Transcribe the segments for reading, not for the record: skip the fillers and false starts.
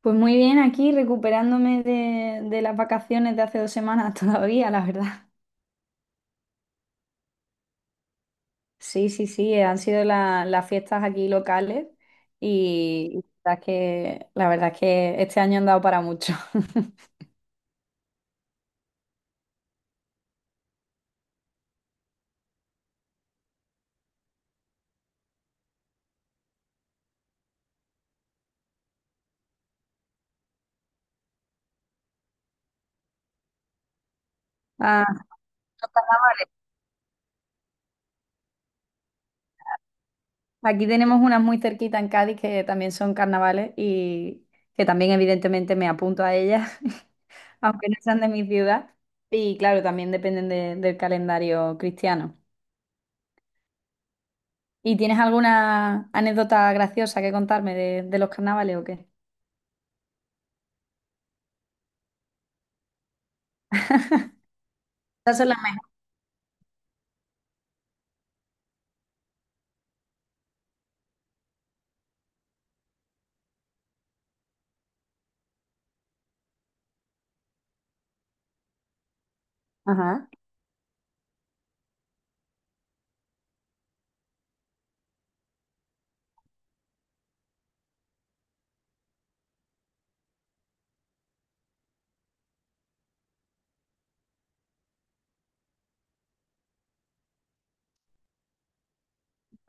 Pues muy bien, aquí recuperándome de las vacaciones de hace 2 semanas todavía, la verdad. Sí, sí, sí, han sido las fiestas aquí locales y la verdad es que este año han dado para mucho. Ah, los carnavales. Aquí tenemos unas muy cerquita en Cádiz que también son carnavales y que también evidentemente me apunto a ellas, aunque no sean de mi ciudad. Y claro, también dependen del calendario cristiano. ¿Y tienes alguna anécdota graciosa que contarme de los carnavales o qué? Esas son las mejores. Ajá.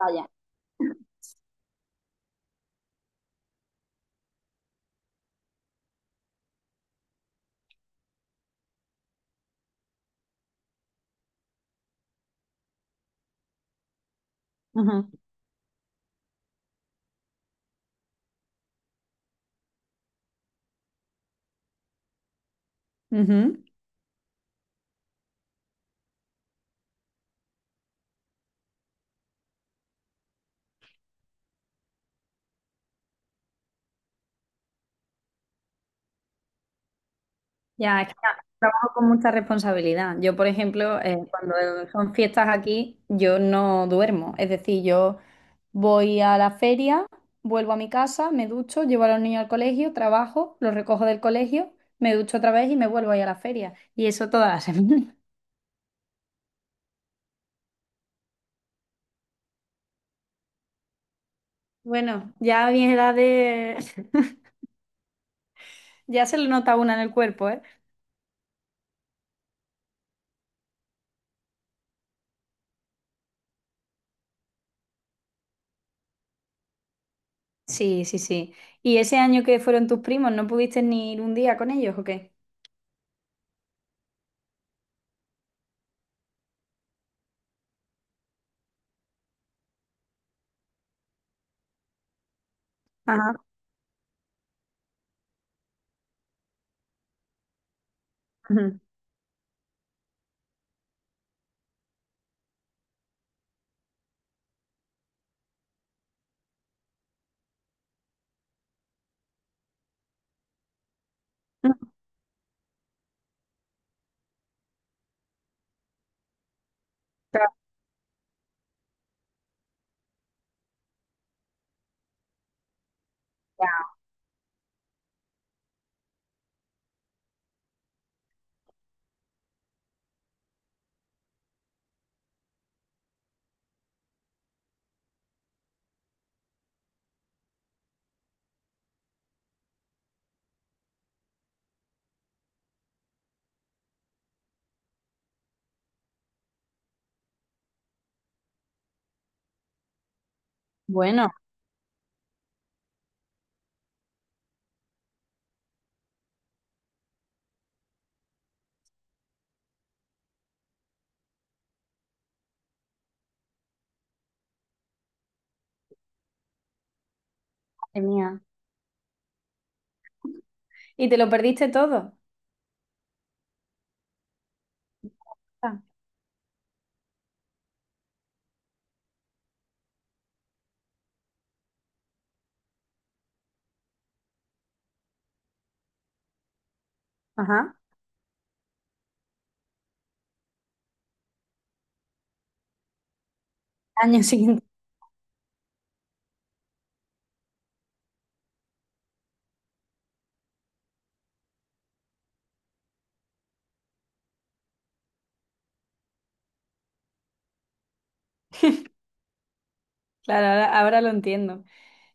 Vaya. Ujú. Ujú. Ya, es que trabajo con mucha responsabilidad. Yo, por ejemplo, cuando son fiestas aquí, yo no duermo. Es decir, yo voy a la feria, vuelvo a mi casa, me ducho, llevo a los niños al colegio, trabajo, los recojo del colegio, me ducho otra vez y me vuelvo ahí a la feria. Y eso toda la semana. Bueno, ya a mi edad ya se lo nota una en el cuerpo, ¿eh? Sí, sí, sí. ¿Y ese año que fueron tus primos, no pudiste ni ir un día con ellos o qué? Ajá. Ujú. Claro. Bueno, madre mía. ¿Y te lo perdiste todo? Ah. Ajá. Año siguiente. Claro, ahora lo entiendo.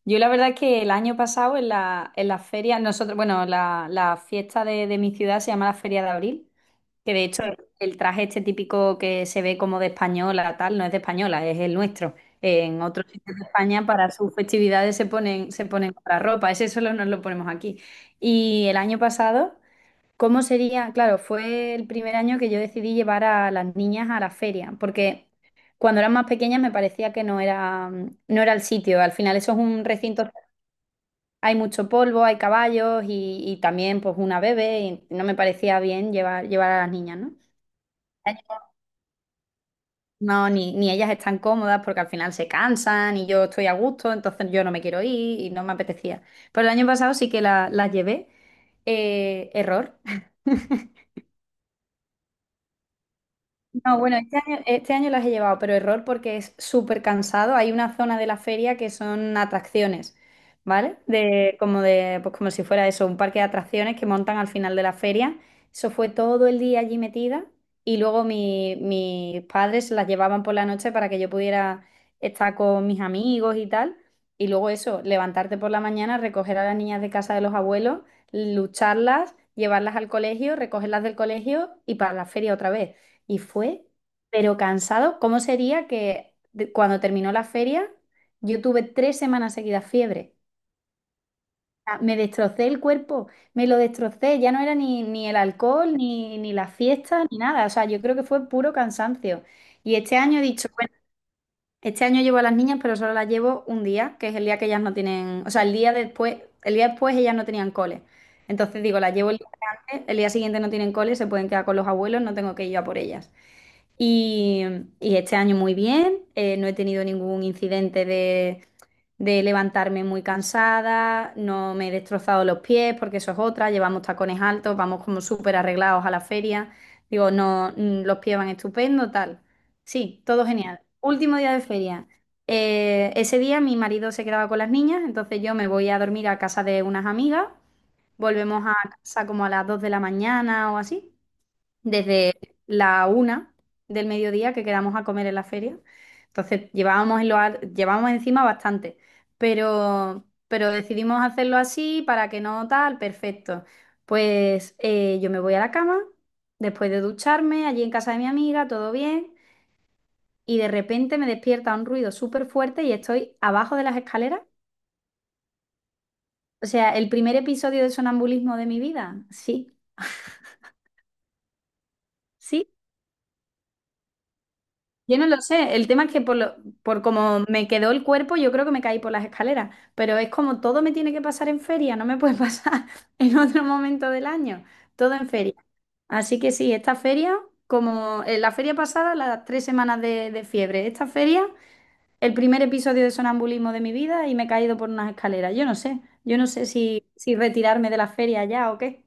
Yo la verdad que el año pasado en la feria, nosotros, bueno, la fiesta de mi ciudad se llama la Feria de Abril, que de hecho el traje este típico que se ve como de española, tal, no es de española, es el nuestro. En otros sitios de España para sus festividades se ponen otra ropa, ese solo nos lo ponemos aquí. Y el año pasado. ¿Cómo sería? Claro, fue el primer año que yo decidí llevar a las niñas a la feria, porque cuando eran más pequeñas me parecía que no era el sitio. Al final eso es un recinto, hay mucho polvo, hay caballos y también pues una bebé y no me parecía bien llevar a las niñas, ¿no? No, ni ellas están cómodas porque al final se cansan y yo estoy a gusto, entonces yo no me quiero ir y no me apetecía. Pero el año pasado sí que las llevé. Error. No, bueno, este año las he llevado, pero error porque es súper cansado. Hay una zona de la feria que son atracciones, ¿vale? De, como de, pues como si fuera eso, un parque de atracciones que montan al final de la feria. Eso fue todo el día allí metida y luego mis padres las llevaban por la noche para que yo pudiera estar con mis amigos y tal. Y luego eso, levantarte por la mañana, recoger a las niñas de casa de los abuelos, lucharlas, llevarlas al colegio, recogerlas del colegio y para la feria otra vez. Y fue, pero cansado. ¿Cómo sería que cuando terminó la feria, yo tuve 3 semanas seguidas fiebre? Ah, me destrocé el cuerpo, me lo destrocé. Ya no era ni el alcohol, ni la fiesta, ni nada. O sea, yo creo que fue puro cansancio. Y este año he dicho, bueno, este año llevo a las niñas, pero solo las llevo un día, que es el día que ellas no tienen, o sea, el día después ellas no tenían cole. Entonces digo, las llevo el día antes, el día siguiente no tienen cole, se pueden quedar con los abuelos, no tengo que ir yo a por ellas. Y, y este año muy bien, no he tenido ningún incidente de levantarme muy cansada, no me he destrozado los pies porque eso es otra, llevamos tacones altos, vamos como súper arreglados a la feria, digo, no, los pies van estupendo, tal. Sí, todo genial. Último día de feria. Ese día mi marido se quedaba con las niñas, entonces yo me voy a dormir a casa de unas amigas, volvemos a casa como a las 2 de la mañana o así desde la 1 del mediodía que quedamos a comer en la feria. Entonces llevábamos, en los ar- llevábamos encima bastante, pero decidimos hacerlo así para que no tal, perfecto. Pues yo me voy a la cama, después de ducharme, allí en casa de mi amiga, todo bien, y de repente me despierta un ruido súper fuerte y estoy abajo de las escaleras. O sea, el primer episodio de sonambulismo de mi vida. Sí, sí. Yo no lo sé, el tema es que por como me quedó el cuerpo, yo creo que me caí por las escaleras, pero es como todo me tiene que pasar en feria, no me puede pasar en otro momento del año, todo en feria. Así que sí, esta feria, como en la feria pasada, las 3 semanas de fiebre, esta feria, el primer episodio de sonambulismo de mi vida y me he caído por unas escaleras, yo no sé si retirarme de la feria ya o qué.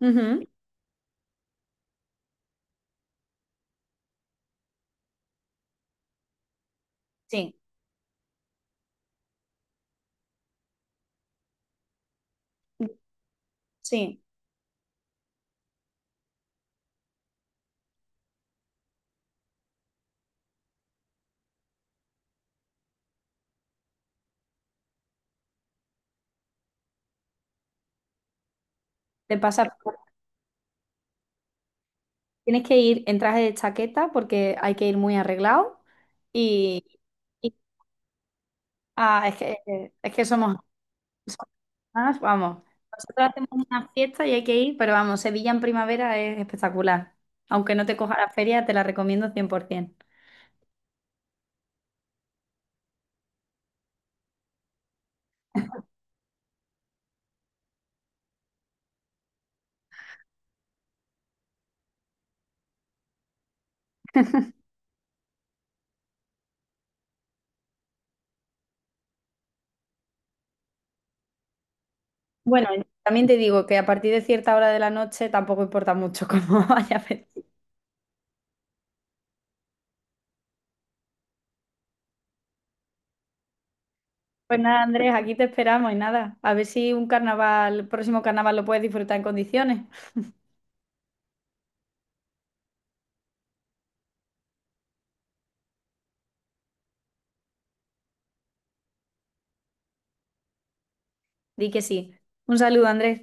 Ujú, sí, sí, te pasa. Tienes que ir en traje de chaqueta porque hay que ir muy arreglado y, y- ah, es que, es que, somos más, vamos. Nosotros hacemos una fiesta y hay que ir, pero vamos, Sevilla en primavera es espectacular. Aunque no te coja la feria, te la recomiendo 100%. Bueno, también te digo que a partir de cierta hora de la noche tampoco importa mucho cómo vaya a Pues nada, Andrés, aquí te esperamos y nada. A ver si un carnaval, el próximo carnaval lo puedes disfrutar en condiciones. Di que sí. Un saludo, Andrés.